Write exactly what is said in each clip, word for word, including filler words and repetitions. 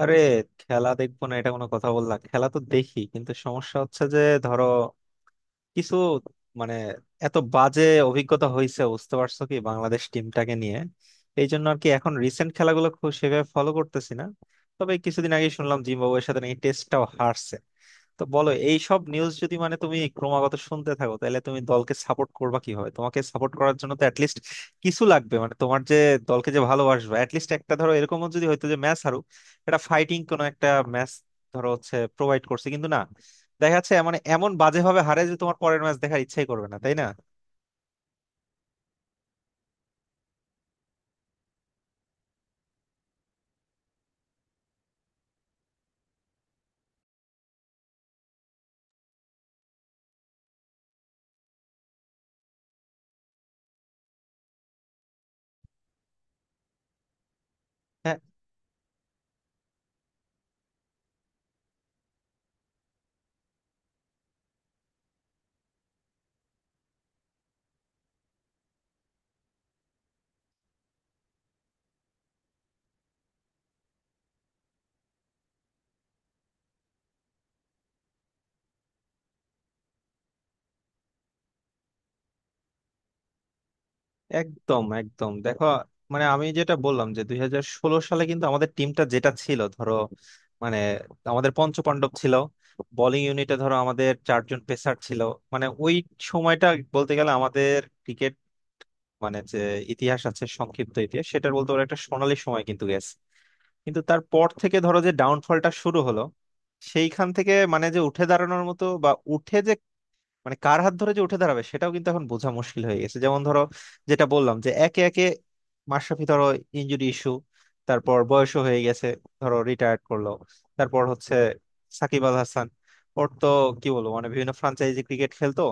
আরে, খেলা দেখবো না এটা কোনো কথা বললা? খেলা তো দেখি, কিন্তু সমস্যা হচ্ছে যে ধরো কিছু মানে এত বাজে অভিজ্ঞতা হয়েছে বুঝতে পারছো কি বাংলাদেশ টিমটাকে নিয়ে। এই জন্য আর কি এখন রিসেন্ট খেলাগুলো খুব সেভাবে ফলো করতেছি না। তবে কিছুদিন আগে শুনলাম জিম্বাবুয়ের সাথে নাকি টেস্টটাও হারছে। তো বলো, এই সব নিউজ যদি মানে তুমি ক্রমাগত শুনতে থাকো তাহলে তুমি দলকে সাপোর্ট করবা কিভাবে? তোমাকে সাপোর্ট করার জন্য তো অ্যাটলিস্ট কিছু লাগবে, মানে তোমার যে দলকে যে ভালোবাসবে অ্যাটলিস্ট একটা ধরো এরকমও যদি হয়তো যে ম্যাচ হারুক, এটা ফাইটিং কোনো একটা ম্যাচ ধরো হচ্ছে প্রোভাইড করছে। কিন্তু না, দেখা যাচ্ছে মানে এমন বাজে ভাবে হারে যে তোমার পরের ম্যাচ দেখার ইচ্ছাই করবে না, তাই না? হ্যাঁ? একদম একদম দেখো, মানে আমি যেটা বললাম যে দুই হাজার ষোলো সালে কিন্তু আমাদের টিমটা যেটা ছিল ধরো মানে আমাদের পঞ্চপাণ্ডব ছিল, বোলিং ইউনিটে ধরো আমাদের চারজন পেসার ছিল। মানে ওই সময়টা বলতে গেলে আমাদের ক্রিকেট মানে যে ইতিহাস আছে, সংক্ষিপ্ত ইতিহাস, সেটার বলতে পারো একটা সোনালী সময় কিন্তু গেছে। কিন্তু তারপর থেকে ধরো যে ডাউনফলটা শুরু হলো, সেইখান থেকে মানে যে উঠে দাঁড়ানোর মতো বা উঠে যে মানে কার হাত ধরে যে উঠে দাঁড়াবে সেটাও কিন্তু এখন বোঝা মুশকিল হয়ে গেছে। যেমন ধরো যেটা বললাম যে একে একে মাশরাফি ধরো ইনজুরি ইস্যু, তারপর বয়সও হয়ে গেছে, ধরো রিটায়ার্ড করলো। তারপর হচ্ছে সাকিব আল হাসান, ওর তো কি বলবো মানে বিভিন্ন ফ্রাঞ্চাইজি ক্রিকেট খেলতো,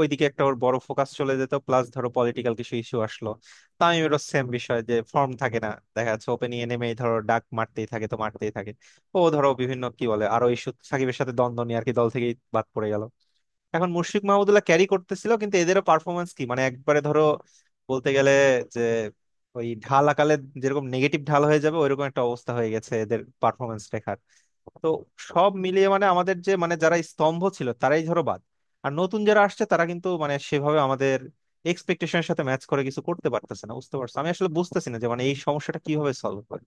ওইদিকে একটা ওর বড় ফোকাস চলে যেত, প্লাস ধরো পলিটিক্যাল কিছু ইস্যু আসলো। তামিমেরও সেম বিষয় যে ফর্ম থাকে না, দেখা যাচ্ছে ওপেনিং এ নেমেই ধরো ডাক মারতেই থাকে তো মারতেই থাকে, ও ধরো বিভিন্ন কি বলে আরো ইস্যু সাকিবের সাথে দ্বন্দ্ব নিয়ে আর কি দল থেকেই বাদ পড়ে গেল। এখন মুশফিক মাহমুদুল্লাহ ক্যারি করতেছিল কিন্তু এদেরও পারফরমেন্স কি মানে একবারে ধরো বলতে গেলে যে ওই ঢাল আকালে যেরকম নেগেটিভ ঢাল হয়ে যাবে ওইরকম একটা অবস্থা হয়ে গেছে এদের পারফরমেন্স রেখার। তো সব মিলিয়ে মানে আমাদের যে মানে যারা স্তম্ভ ছিল তারাই ধরো বাদ, আর নতুন যারা আসছে তারা কিন্তু মানে সেভাবে আমাদের এক্সপেকটেশনের সাথে ম্যাচ করে কিছু করতে পারতেছে না। বুঝতে পারছো? আমি আসলে বুঝতেছি না যে মানে এই সমস্যাটা কিভাবে সলভ করে।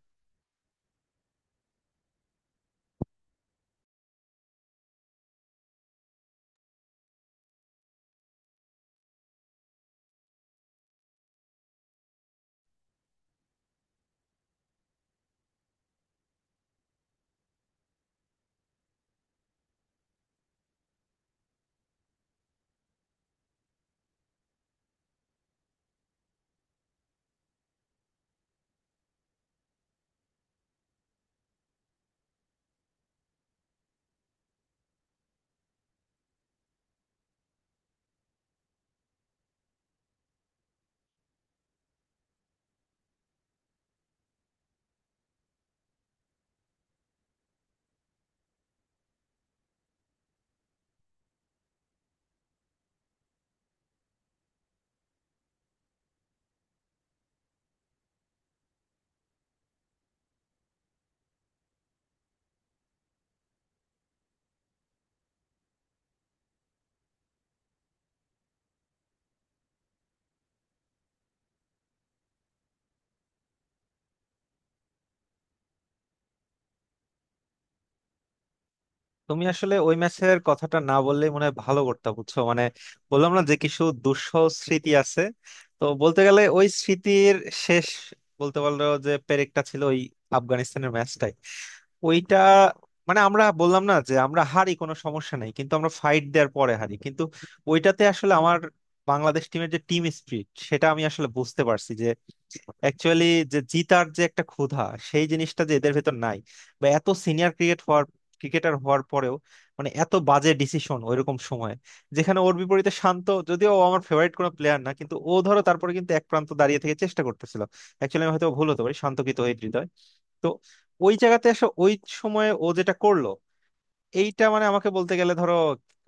তুমি আসলে ওই ম্যাচের কথাটা না বললেই মনে হয় ভালো করতে, বুঝছো? মানে বললাম না যে কিছু দুঃসহ স্মৃতি আছে, তো বলতে গেলে ওই স্মৃতির শেষ বলতে পারলো যে পেরেকটা ছিল ওই আফগানিস্তানের ম্যাচটাই। ওইটা মানে আমরা বললাম না যে আমরা হারি কোনো সমস্যা নাই, কিন্তু আমরা ফাইট দেওয়ার পরে হারি, কিন্তু ওইটাতে আসলে আমার বাংলাদেশ টিমের যে টিম স্পিরিট সেটা আমি আসলে বুঝতে পারছি যে অ্যাকচুয়ালি যে জিতার যে একটা ক্ষুধা সেই জিনিসটা যে এদের ভেতর নাই, বা এত সিনিয়র ক্রিকেট হওয়ার, ক্রিকেটার হওয়ার পরেও মানে এত বাজে ডিসিশন ওইরকম সময়ে, যেখানে ওর বিপরীতে শান্ত, যদিও ও আমার ফেভারিট কোনো প্লেয়ার না, কিন্তু ও ধরো তারপরে কিন্তু এক প্রান্ত দাঁড়িয়ে থেকে চেষ্টা করতেছিল। অ্যাকচুয়ালি আমি হয়তো ভুল হতে পারি, শান্ত কৃত হয়ে হৃদয়। তো ওই জায়গাতে এসে ওই সময়ে ও যেটা করলো, এইটা মানে আমাকে বলতে গেলে ধরো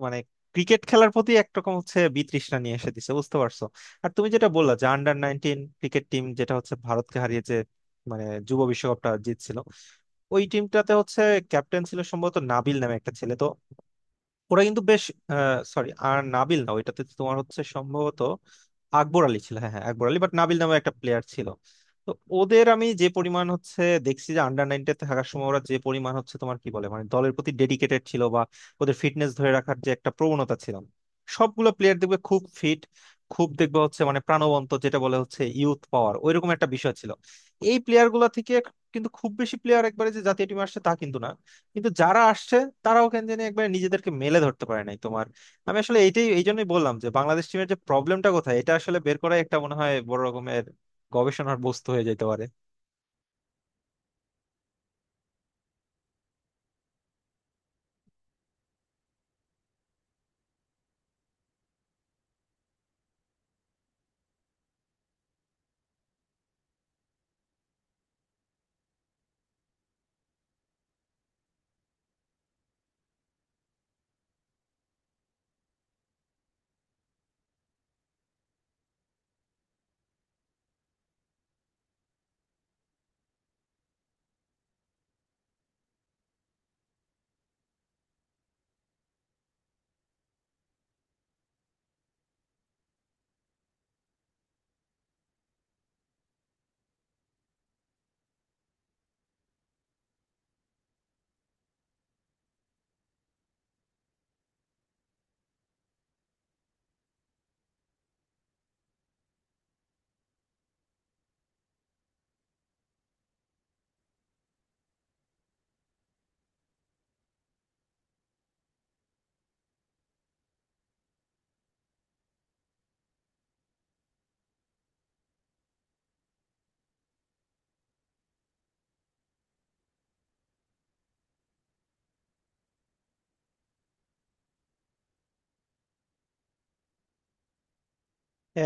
মানে ক্রিকেট খেলার প্রতি একরকম হচ্ছে বিতৃষ্ণা নিয়ে এসে দিছে, বুঝতে পারছো? আর তুমি যেটা বললা যে আন্ডার নাইনটিন ক্রিকেট টিম যেটা হচ্ছে ভারতকে হারিয়ে যে মানে যুব বিশ্বকাপটা জিতছিল, ওই টিমটাতে হচ্ছে ক্যাপ্টেন ছিল সম্ভবত নাবিল নামে একটা ছেলে, তো ওরা কিন্তু বেশ, সরি আর নাবিল না, ওইটাতে তো তোমার হচ্ছে সম্ভবত আকবর আলী ছিল। হ্যাঁ হ্যাঁ আকবর আলী, বাট নাবিল নামে একটা প্লেয়ার ছিল। তো ওদের আমি যে পরিমাণ হচ্ছে দেখছি যে আন্ডার নাইনটিতে থাকার সময়, ওরা যে পরিমাণ হচ্ছে তোমার কি বলে মানে দলের প্রতি ডেডিকেটেড ছিল বা ওদের ফিটনেস ধরে রাখার যে একটা প্রবণতা ছিল, সবগুলো প্লেয়ার দেখবে খুব ফিট, খুব দেখবে হচ্ছে মানে প্রাণবন্ত, যেটা বলে হচ্ছে ইউথ পাওয়ার ওইরকম একটা বিষয় ছিল এই প্লেয়ার গুলা থেকে। কিন্তু খুব বেশি প্লেয়ার একবারে যে জাতীয় টিমে আসছে তা কিন্তু না, কিন্তু যারা আসছে তারাও কেন জানি একবার নিজেদেরকে মেলে ধরতে পারে নাই তোমার। আমি আসলে এইটাই এই জন্যই বললাম যে বাংলাদেশ টিমের যে প্রবলেমটা কোথায় এটা আসলে বের করাই একটা মনে হয় বড় রকমের গবেষণার বস্তু হয়ে যেতে পারে।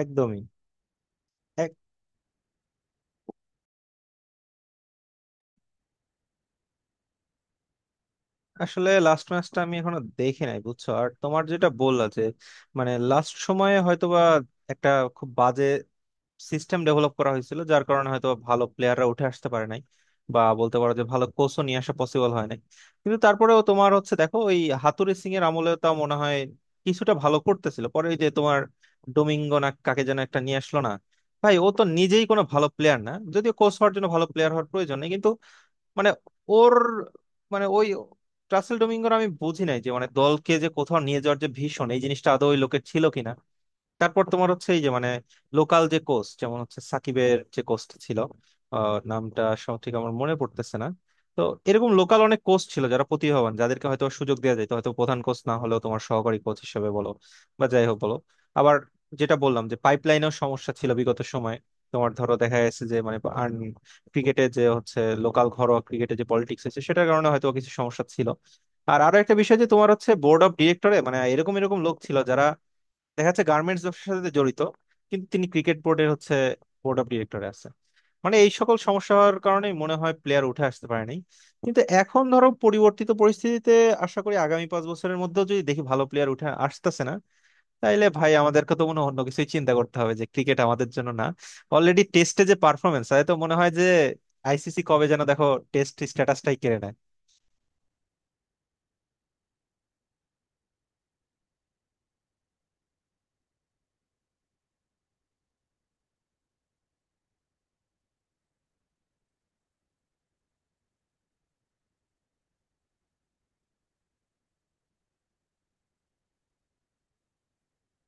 একদমই। এক আসলে লাস্ট ম্যাচটা আমি এখনো দেখি নাই, বুঝছো? আর তোমার যেটা বললা যে মানে লাস্ট সময়ে হয়তোবা একটা খুব বাজে সিস্টেম ডেভেলপ করা হয়েছিল যার কারণে হয়তো ভালো প্লেয়াররা উঠে আসতে পারে নাই, বা বলতে পারো যে ভালো কোচও নিয়ে আসা পসিবল হয় নাই। কিন্তু তারপরেও তোমার হচ্ছে দেখো ওই হাতুড়ি সিং এর আমলে তা মনে হয় কিছুটা ভালো করতেছিল, পরে ওই যে তোমার ডোমিঙ্গো না কাকে যেন একটা নিয়ে আসলো না ভাই, ও তো নিজেই কোনো ভালো প্লেয়ার না, যদিও কোচ হওয়ার জন্য ভালো প্লেয়ার হওয়ার প্রয়োজন নেই, কিন্তু মানে ওর মানে ওই রাসেল ডোমিঙ্গোর আমি বুঝি নাই যে মানে দলকে যে কোথাও নিয়ে যাওয়ার যে ভীষণ এই জিনিসটা আদৌ ওই লোকের ছিল কিনা। তারপর তোমার হচ্ছে এই যে মানে লোকাল যে কোচ যেমন হচ্ছে সাকিবের যে কোচটা ছিল, আহ, নামটা সঠিক আমার মনে পড়তেছে না। তো এরকম লোকাল অনেক কোচ ছিল যারা প্রতিভাবান, যাদেরকে হয়তো সুযোগ দেওয়া যেত, হয়তো প্রধান কোচ না হলেও তোমার সহকারী কোচ হিসেবে বলো বা যাই হোক বলো। আবার যেটা বললাম যে পাইপলাইনেও সমস্যা ছিল বিগত সময়ে, তোমার ধরো দেখা গেছে যে মানে ক্রিকেটে যে হচ্ছে লোকাল ঘরোয়া ক্রিকেটে যে পলিটিক্স আছে সেটার কারণে হয়তো কিছু সমস্যা ছিল। আর আরো একটা বিষয় যে তোমার হচ্ছে বোর্ড অফ ডিরেক্টরে মানে এরকম এরকম লোক ছিল যারা দেখা যাচ্ছে গার্মেন্টস ব্যবসার সাথে জড়িত, কিন্তু তিনি ক্রিকেট বোর্ডের হচ্ছে বোর্ড অফ ডিরেক্টরে আছে। মানে এই সকল সমস্যার কারণে মনে হয় প্লেয়ার উঠে আসতে পারে নাই। কিন্তু এখন ধরো পরিবর্তিত পরিস্থিতিতে আশা করি আগামী পাঁচ বছরের মধ্যেও যদি দেখি ভালো প্লেয়ার উঠে আসতেছে না, তাইলে ভাই আমাদেরকে তো মনে হয় অন্য কিছুই চিন্তা করতে হবে যে ক্রিকেট আমাদের জন্য না। অলরেডি টেস্টে যে পারফরমেন্স, তাই তো মনে হয় যে আইসিসি কবে যেন দেখো টেস্ট স্ট্যাটাসটাই কেড়ে নেয়।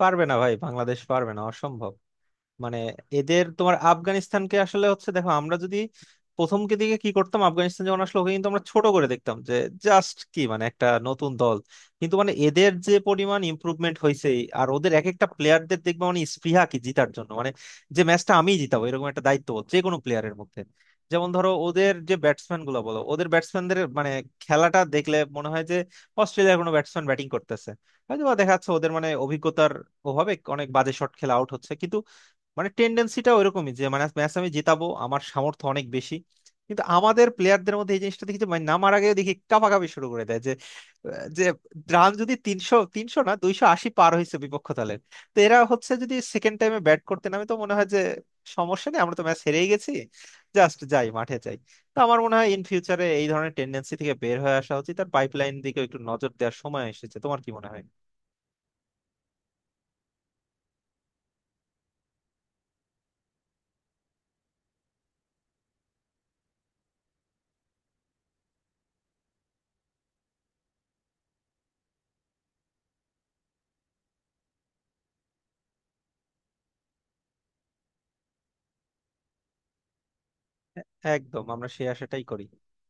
পারবে না ভাই, বাংলাদেশ পারবে না, অসম্ভব। মানে এদের তোমার আফগানিস্তানকে আসলে হচ্ছে দেখো, আমরা যদি প্রথম কি দিকে কি করতাম, আফগানিস্তান যখন আসলো ওকে কিন্তু আমরা ছোট করে দেখতাম যে জাস্ট কি মানে একটা নতুন দল। কিন্তু মানে এদের যে পরিমাণ ইমপ্রুভমেন্ট হয়েছে, আর ওদের এক একটা প্লেয়ারদের দেখবে মানে স্পৃহা কি জিতার জন্য, মানে যে ম্যাচটা আমিই জিতাবো এরকম একটা দায়িত্ব যে কোনো প্লেয়ারের মধ্যে। যেমন ধরো ওদের যে ব্যাটসম্যান গুলো বলো, ওদের ব্যাটসম্যানদের মানে খেলাটা দেখলে মনে হয় যে অস্ট্রেলিয়ার কোনো ব্যাটসম্যান ব্যাটিং করতেছে। হয়তো বা দেখা যাচ্ছে ওদের মানে অভিজ্ঞতার অভাবে অনেক বাজে শট খেলে আউট হচ্ছে, মানে টেন্ডেন্সিটা ওইরকমই যে মানে ম্যাচ আমি জেতাবো, আমার সামর্থ্য অনেক বেশি। কিন্তু আমাদের প্লেয়ারদের মধ্যে এই জিনিসটা দেখি যে মানে নামার আগে দেখি কাঁপাকাঁপি শুরু করে দেয় যে আহ, যে রান যদি তিনশো তিনশো না দুইশো আশি পার হয়েছে বিপক্ষ দলের, তো এরা হচ্ছে যদি সেকেন্ড টাইমে ব্যাট করতে নামে তো মনে হয় যে সমস্যা নেই আমরা তো ম্যাচ হেরেই গেছি, জাস্ট যাই মাঠে যাই। তো আমার মনে হয় ইন ফিউচারে এই ধরনের টেন্ডেন্সি থেকে বের হয়ে আসা উচিত, আর পাইপলাইন দিকে একটু নজর দেওয়ার সময় এসেছে। তোমার কি মনে হয়? একদম, আমরা সেই আশাটাই করি।